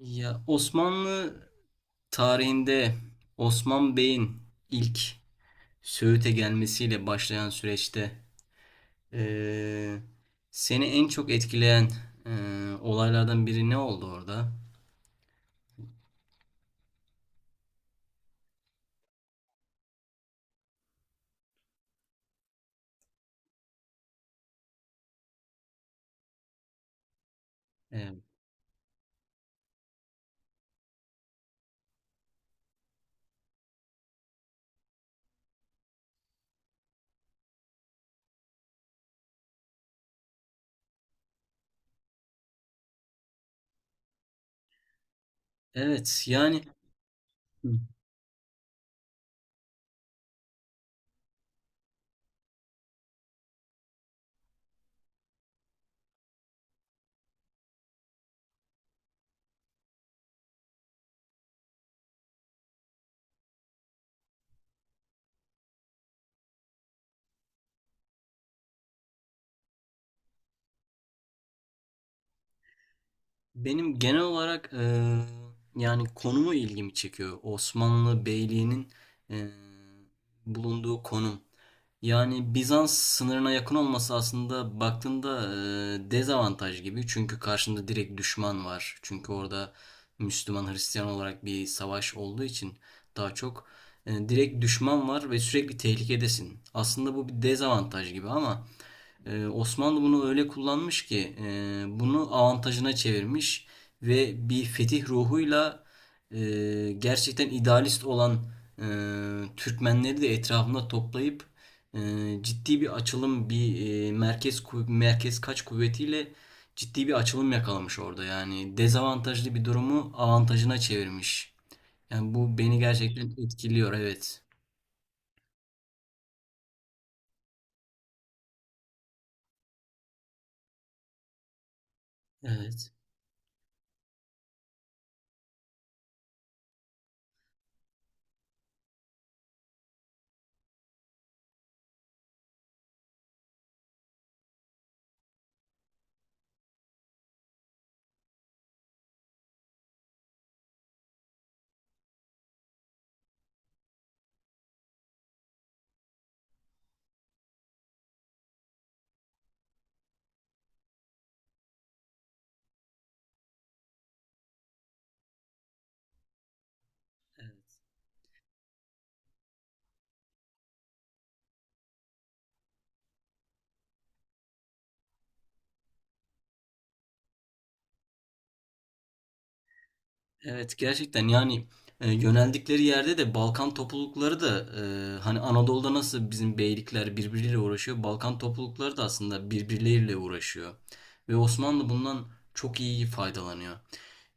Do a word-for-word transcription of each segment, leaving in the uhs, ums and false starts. Ya Osmanlı tarihinde Osman Bey'in ilk Söğüt'e gelmesiyle başlayan süreçte eee, seni en çok etkileyen eee, olaylardan biri ne oldu orada? Eee, evet, yani benim genel olarak eee, yani konumu ilgimi çekiyor. Osmanlı Beyliği'nin eee, bulunduğu konum. Yani Bizans sınırına yakın olması, aslında baktığında e, dezavantaj gibi. Çünkü karşında direkt düşman var. Çünkü orada Müslüman Hristiyan olarak bir savaş olduğu için daha çok e, direkt düşman var ve sürekli tehlikedesin. Aslında bu bir dezavantaj gibi, ama ee, Osmanlı bunu öyle kullanmış ki e, bunu avantajına çevirmiş ve bir fetih ruhuyla e, gerçekten idealist olan e, Türkmenleri de etrafında toplayıp e, ciddi bir açılım, bir e, merkez kuv- merkez kaç kuvvetiyle ciddi bir açılım yakalamış orada. Yani dezavantajlı bir durumu avantajına çevirmiş. Yani bu beni gerçekten etkiliyor. Evet. Evet. Evet, gerçekten yani e, yöneldikleri yerde de Balkan toplulukları da e, hani Anadolu'da nasıl bizim beylikler birbiriyle uğraşıyor, Balkan toplulukları da aslında birbirleriyle uğraşıyor. Ve Osmanlı bundan çok iyi faydalanıyor.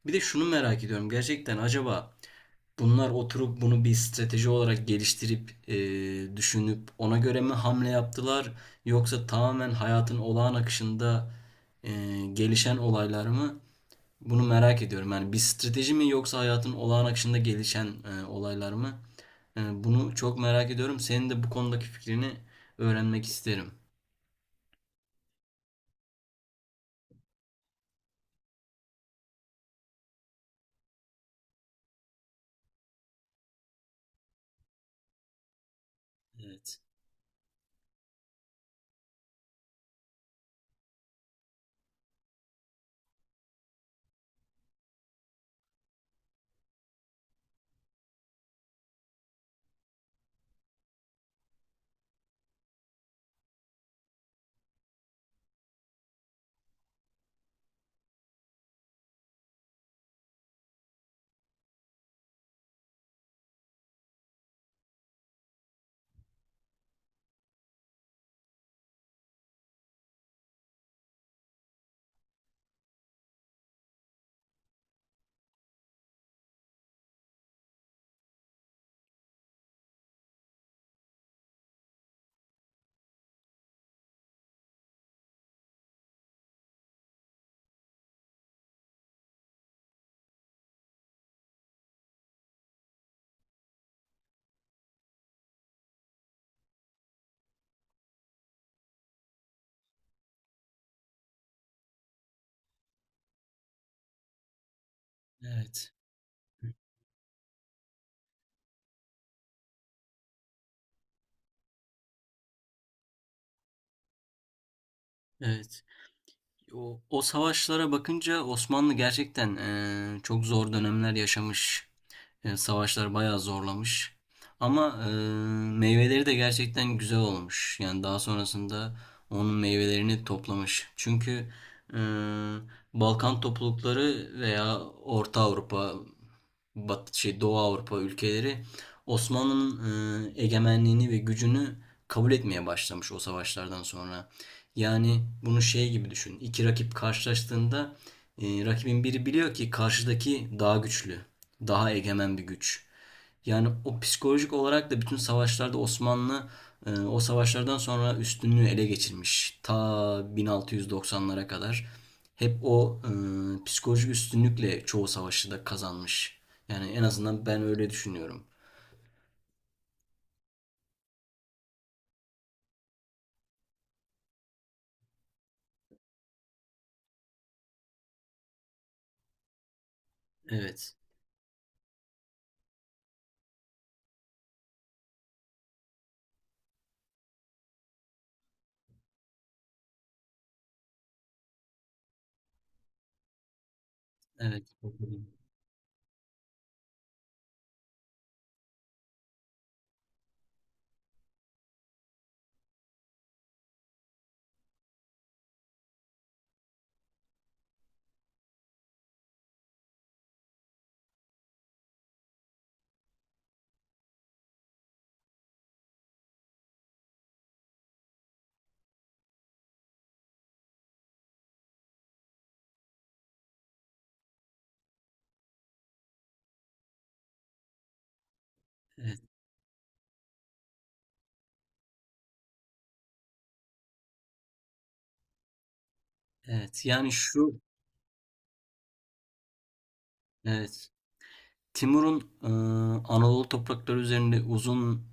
Bir de şunu merak ediyorum gerçekten, acaba bunlar oturup bunu bir strateji olarak geliştirip e, düşünüp ona göre mi hamle yaptılar, yoksa tamamen hayatın olağan akışında e, gelişen olaylar mı? Bunu merak ediyorum. Yani bir strateji mi, yoksa hayatın olağan akışında gelişen e, olaylar mı? E, bunu çok merak ediyorum. Senin de bu konudaki fikrini öğrenmek isterim. Evet. Evet. Evet. O, o savaşlara bakınca Osmanlı gerçekten eee, çok zor dönemler yaşamış. Eee, savaşlar bayağı zorlamış. Ama eee, meyveleri de gerçekten güzel olmuş. Yani daha sonrasında onun meyvelerini toplamış. Çünkü eee, Balkan toplulukları veya Orta Avrupa, Bat, şey Doğu Avrupa ülkeleri Osmanlı'nın eee, egemenliğini ve gücünü kabul etmeye başlamış o savaşlardan sonra. Yani bunu şey gibi düşün. İki rakip karşılaştığında e, rakibin biri biliyor ki karşıdaki daha güçlü, daha egemen bir güç. Yani o psikolojik olarak da bütün savaşlarda Osmanlı e, o savaşlardan sonra üstünlüğü ele geçirmiş. Ta bin altı yüz doksanlara kadar hep o e, psikolojik üstünlükle çoğu savaşı da kazanmış. Yani en azından ben öyle düşünüyorum. Evet, evet, evet, evet. Yani şu, evet. Timur'un e, Anadolu toprakları üzerinde uzun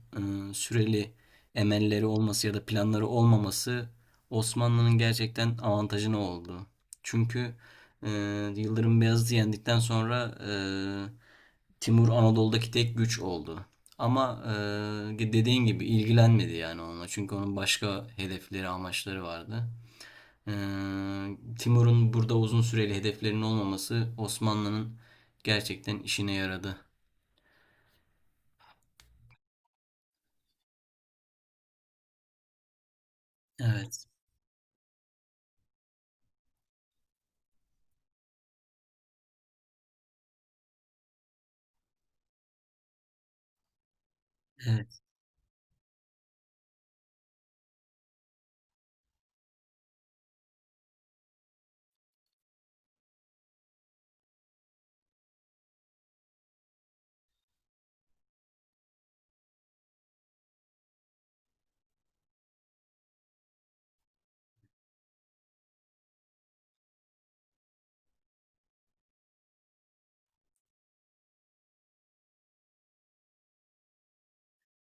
e, süreli emelleri olması ya da planları olmaması Osmanlı'nın gerçekten avantajına oldu. Çünkü e, Yıldırım Beyazıt'ı yendikten sonra e, Timur Anadolu'daki tek güç oldu. Ama e, dediğin gibi ilgilenmedi yani onunla. Çünkü onun başka hedefleri, amaçları vardı. E, Timur'un burada uzun süreli hedeflerinin olmaması Osmanlı'nın gerçekten işine yaradı. Evet, evet,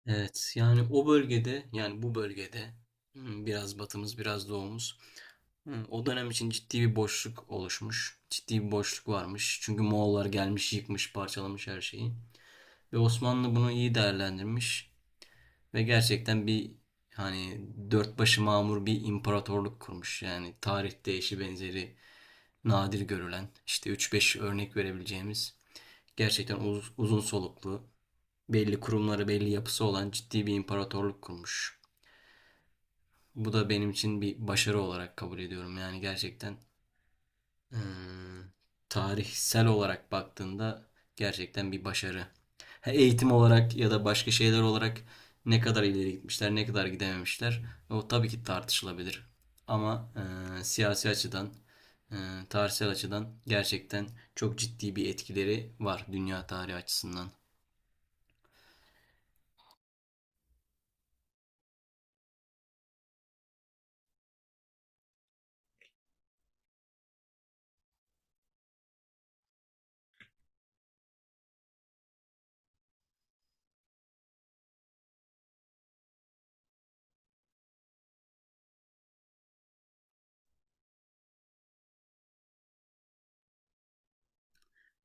evet. Yani o bölgede, yani bu bölgede hmm, biraz batımız, biraz doğumuz. hmm, O dönem için ciddi bir boşluk oluşmuş. Ciddi bir boşluk varmış. Çünkü Moğollar gelmiş, yıkmış, parçalamış her şeyi. Ve Osmanlı bunu iyi değerlendirmiş ve gerçekten bir hani dört başı mamur bir imparatorluk kurmuş. Yani tarihte eşi benzeri nadir görülen, işte üç beş örnek verebileceğimiz gerçekten uz- uzun soluklu, belli kurumları, belli yapısı olan ciddi bir imparatorluk kurmuş. Bu da benim için bir başarı olarak kabul ediyorum. Yani gerçekten eee, tarihsel olarak baktığında gerçekten bir başarı. Ha, eğitim olarak ya da başka şeyler olarak ne kadar ileri gitmişler, ne kadar gidememişler, o tabii ki tartışılabilir. Ama eee, siyasi açıdan, eee, tarihsel açıdan gerçekten çok ciddi bir etkileri var dünya tarihi açısından.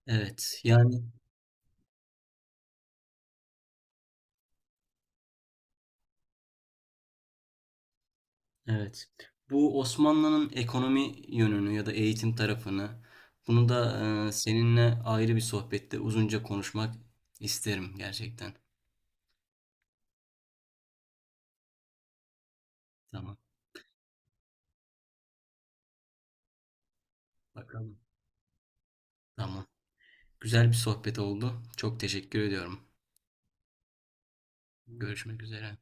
Evet, yani evet. Bu Osmanlı'nın ekonomi yönünü ya da eğitim tarafını, bunu da e, seninle ayrı bir sohbette uzunca konuşmak isterim gerçekten. Tamam. Bakalım. Tamam. Güzel bir sohbet oldu. Çok teşekkür ediyorum. Görüşmek üzere.